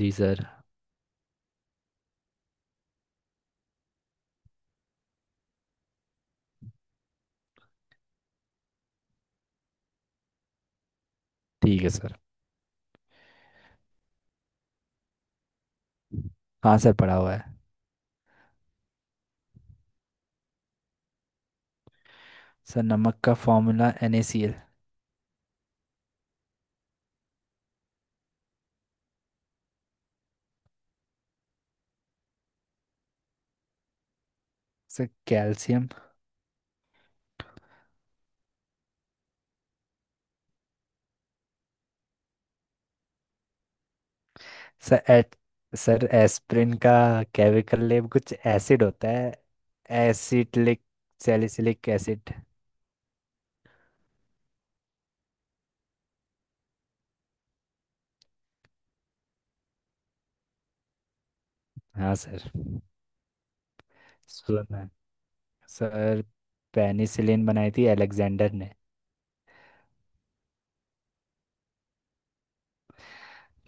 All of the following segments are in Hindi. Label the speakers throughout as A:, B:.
A: जी सर। ठीक है सर। हाँ सर, पढ़ा हुआ है। सर, नमक का formula NaCl। Sir, calcium. Sir, eight. Sir, aspirin का केमिकल नेम कुछ एसिड होता है, एसिटिलिक सैलिसिलिक एसिड। हाँ सर, सुना है। सर, पेनिसिलिन बनाई थी अलेक्जेंडर ने।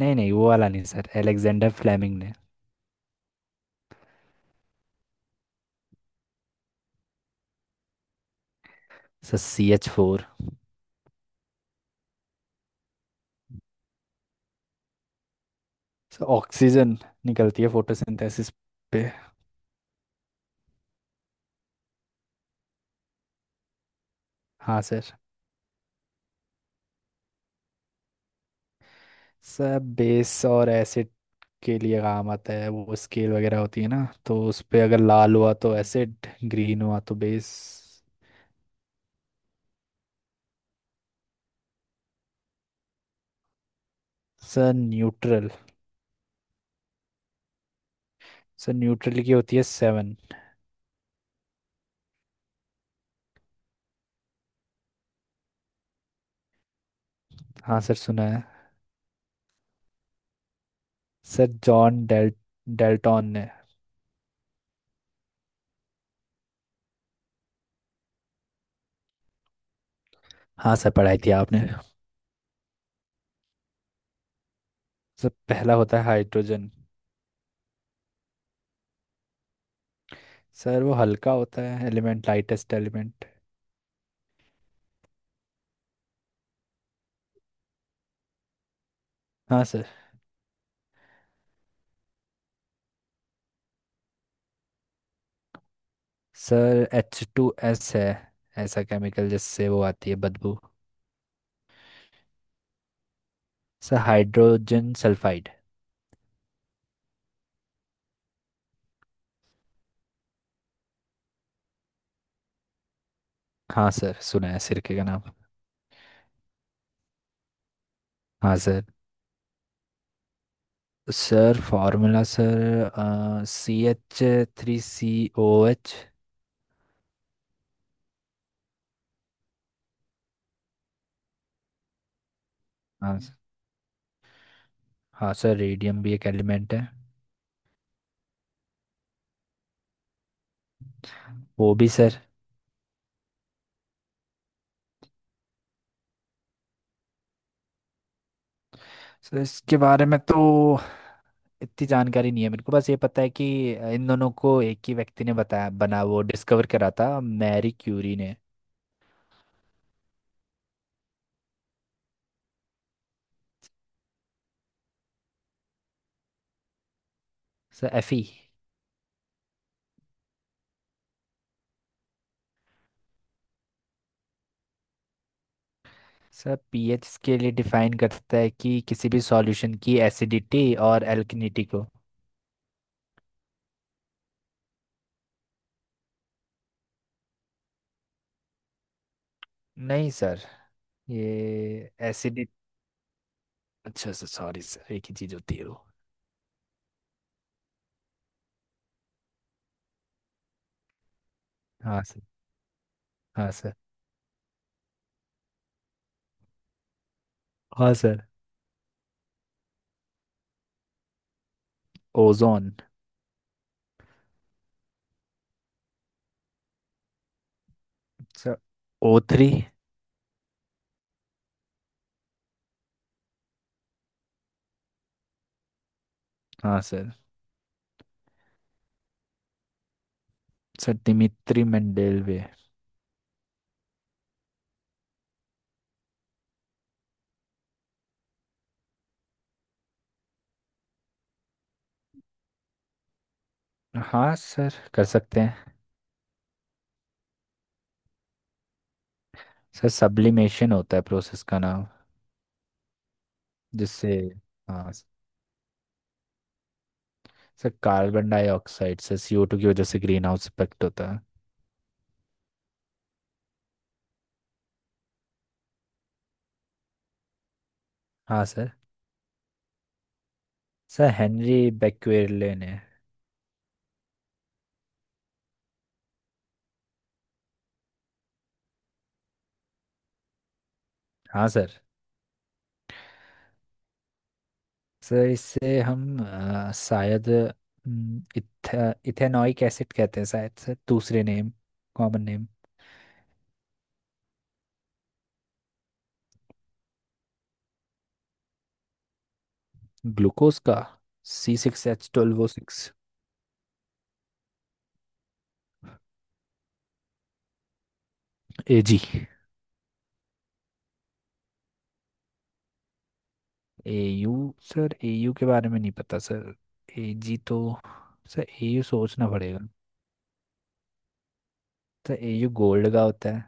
A: नहीं नहीं, वो वाला नहीं सर, अलेक्जेंडर फ्लेमिंग ने। Sir, CH4। सर, ऑक्सीजन निकलती है फोटोसिंथेसिस पे। हाँ सर। सर, बेस और एसिड के लिए काम आता है, वो स्केल वगैरह होती है ना, तो उस पे अगर लाल हुआ तो एसिड, ग्रीन हुआ तो base. Sir, neutral. Sir, neutral की होती है 7। हाँ सर, सुना है। सर, जॉन डेल्टॉन ने। हाँ सर, पढ़ाई थी आपने। सर, पहला होता है हाइड्रोजन। सर, वो हल्का होता है एलिमेंट, लाइटेस्ट एलिमेंट। हाँ सर। सर, H2S है, ऐसा केमिकल जिससे वो आती है बदबू। Sir, hydrogen sulphide. हाँ सर, सुना है सिरके का नाम। हाँ sir. Sir, formula sir, CH3COOH। हाँ सर। हाँ सर, रेडियम भी एक एलिमेंट है। वो भी सर। सर, इसके बारे में तो इतनी जानकारी नहीं है मेरे को, बस ये पता है कि इन दोनों को एक ही व्यक्ति ने बताया बना, वो डिस्कवर करा था मैरी क्यूरी ने। Sir, F E. सर, पीएच के लिए डिफाइन करता है कि किसी भी सॉल्यूशन की एसिडिटी और एल्कनिटी को। नहीं सर। ये एसिड, अच्छा सर सॉरी सर, एक ही चीज होती है वो। हाँ सर। हाँ सर। हाँ सर, ओजोन। Sir, O3। हाँ सर। Sir, Dmitri Mendeleev. हाँ सर, कर सकते हैं। सर, सब्लिमेशन होता है प्रोसेस का नाम। जिससे, हाँ सर। सर, कार्बन डाइऑक्साइड से, CO2 की वजह से ग्रीन हाउस इफेक्ट होता है। हाँ सर। सर, हेनरी बेक्वेरले ने। हाँ सर। सर, इससे हम शायद, इथेनॉइक एसिड कहते हैं शायद सर, दूसरे नेम, कॉमन नेम। ग्लूकोज का, C6H12O6। A G. A U? Sir, A U के बारे में नहीं पता सर, ए जी तो। सर, ए यू सोचना पड़ेगा। सर, ए यू गोल्ड का होता है।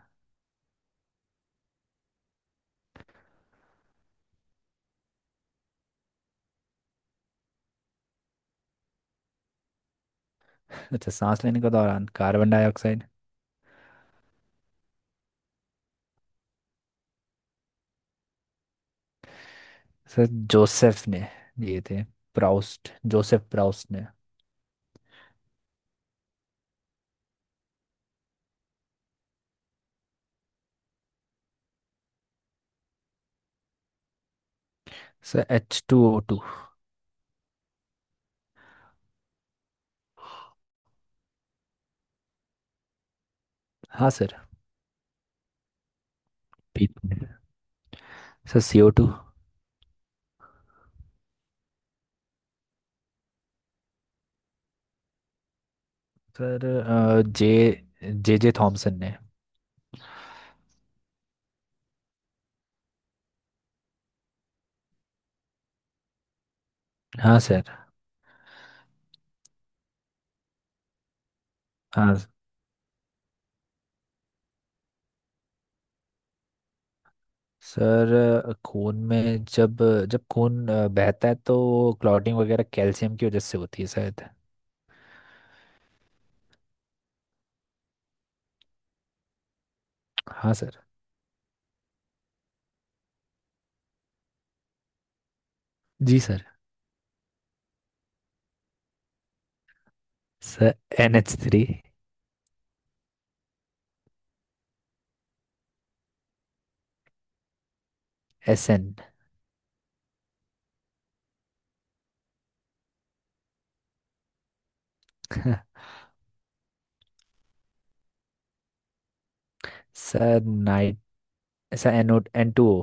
A: अच्छा, सांस लेने के दौरान कार्बन डाइऑक्साइड। सर, जोसेफ ने दिए थे, प्राउस्ट, जोसेफ प्राउस्ट ने। Sir, H2O2। हाँ सर, पीते हैं। Sir, CO2। सर, जे जे जे थॉमसन ने। हाँ सर। हाँ सर, खून में, जब जब खून बहता है तो क्लॉटिंग वगैरह कैल्शियम की वजह से होती है शायद। हाँ सर। जी sir. Sir, NH3। S N. Sir night sir N N two O.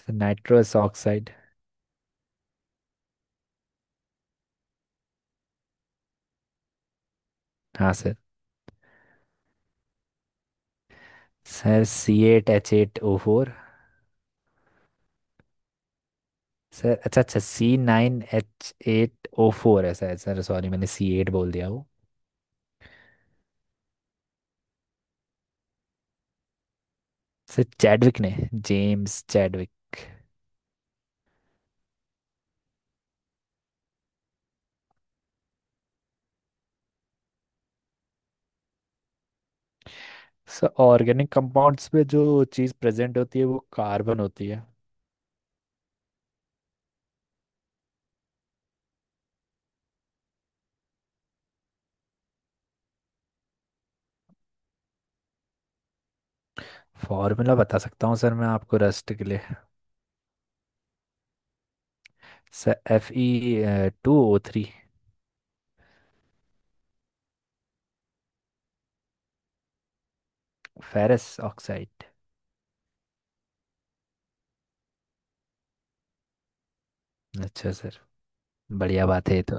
A: Sir, nitrous oxide. हाँ सर। Sir, C8H8O4। सर, अच्छा अच्छा, C9H8O4 है शायद सर, सॉरी मैंने सी एट बोल दिया। सर, चैडविक ने, James Chadwick. Sir, organic compounds में जो चीज़ प्रेजेंट होती है वो कार्बन होती है। फॉर्मूला बता सकता हूँ सर मैं आपको, रस्ट के लिए। Sir, Fe2O3। Ferrous oxide. अच्छा सर। बढ़िया बात है ये तो।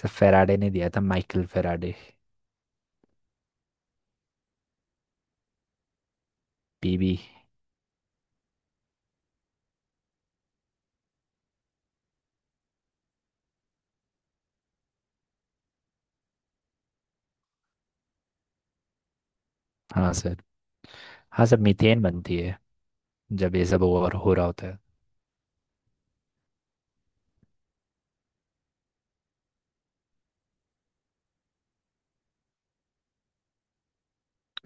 A: सर, फेराडे ने दिया था, माइकल फेराडे। पीबी। हाँ सर। हाँ सर, मीथेन बनती है जब ये सब ओवर हो रहा होता है।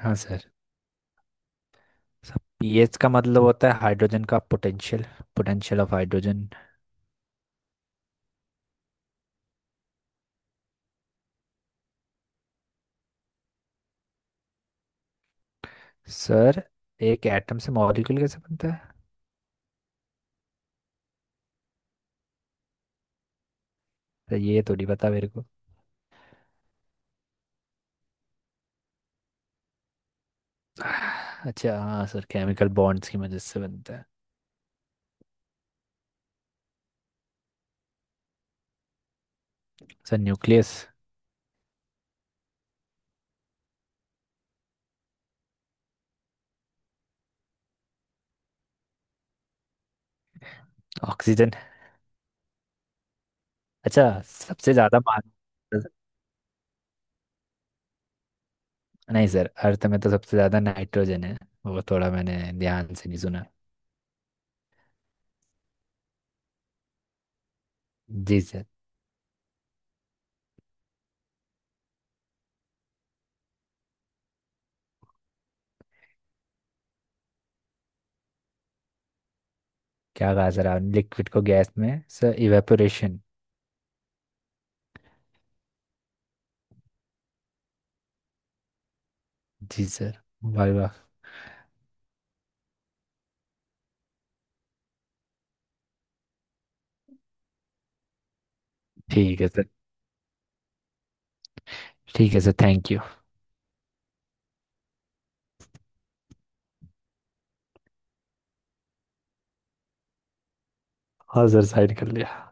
A: हाँ सर। सर, पीएच का मतलब होता है हाइड्रोजन का potential, potential of hydrogen. Sir, एक एटम से मॉलिक्यूल कैसे बनता है, तो ये तो नहीं पता मेरे को। अच्छा हाँ सर, केमिकल बॉन्ड्स की मदद से बनता है। Sir, nucleus. ऑक्सीजन। अच्छा, सबसे ज्यादा मान, नहीं सर, अर्थ में तो सबसे ज्यादा नाइट्रोजन है, वो थोड़ा मैंने ध्यान से नहीं सुना। जी सर। क्या कहा सर आपने, लिक्विड को गैस में, सर, इवेपोरेशन। जी सर, वाह वाह। ठीक है सर। ठीक है सर, थैंक यू। हाँ सर, साइन कर लिया।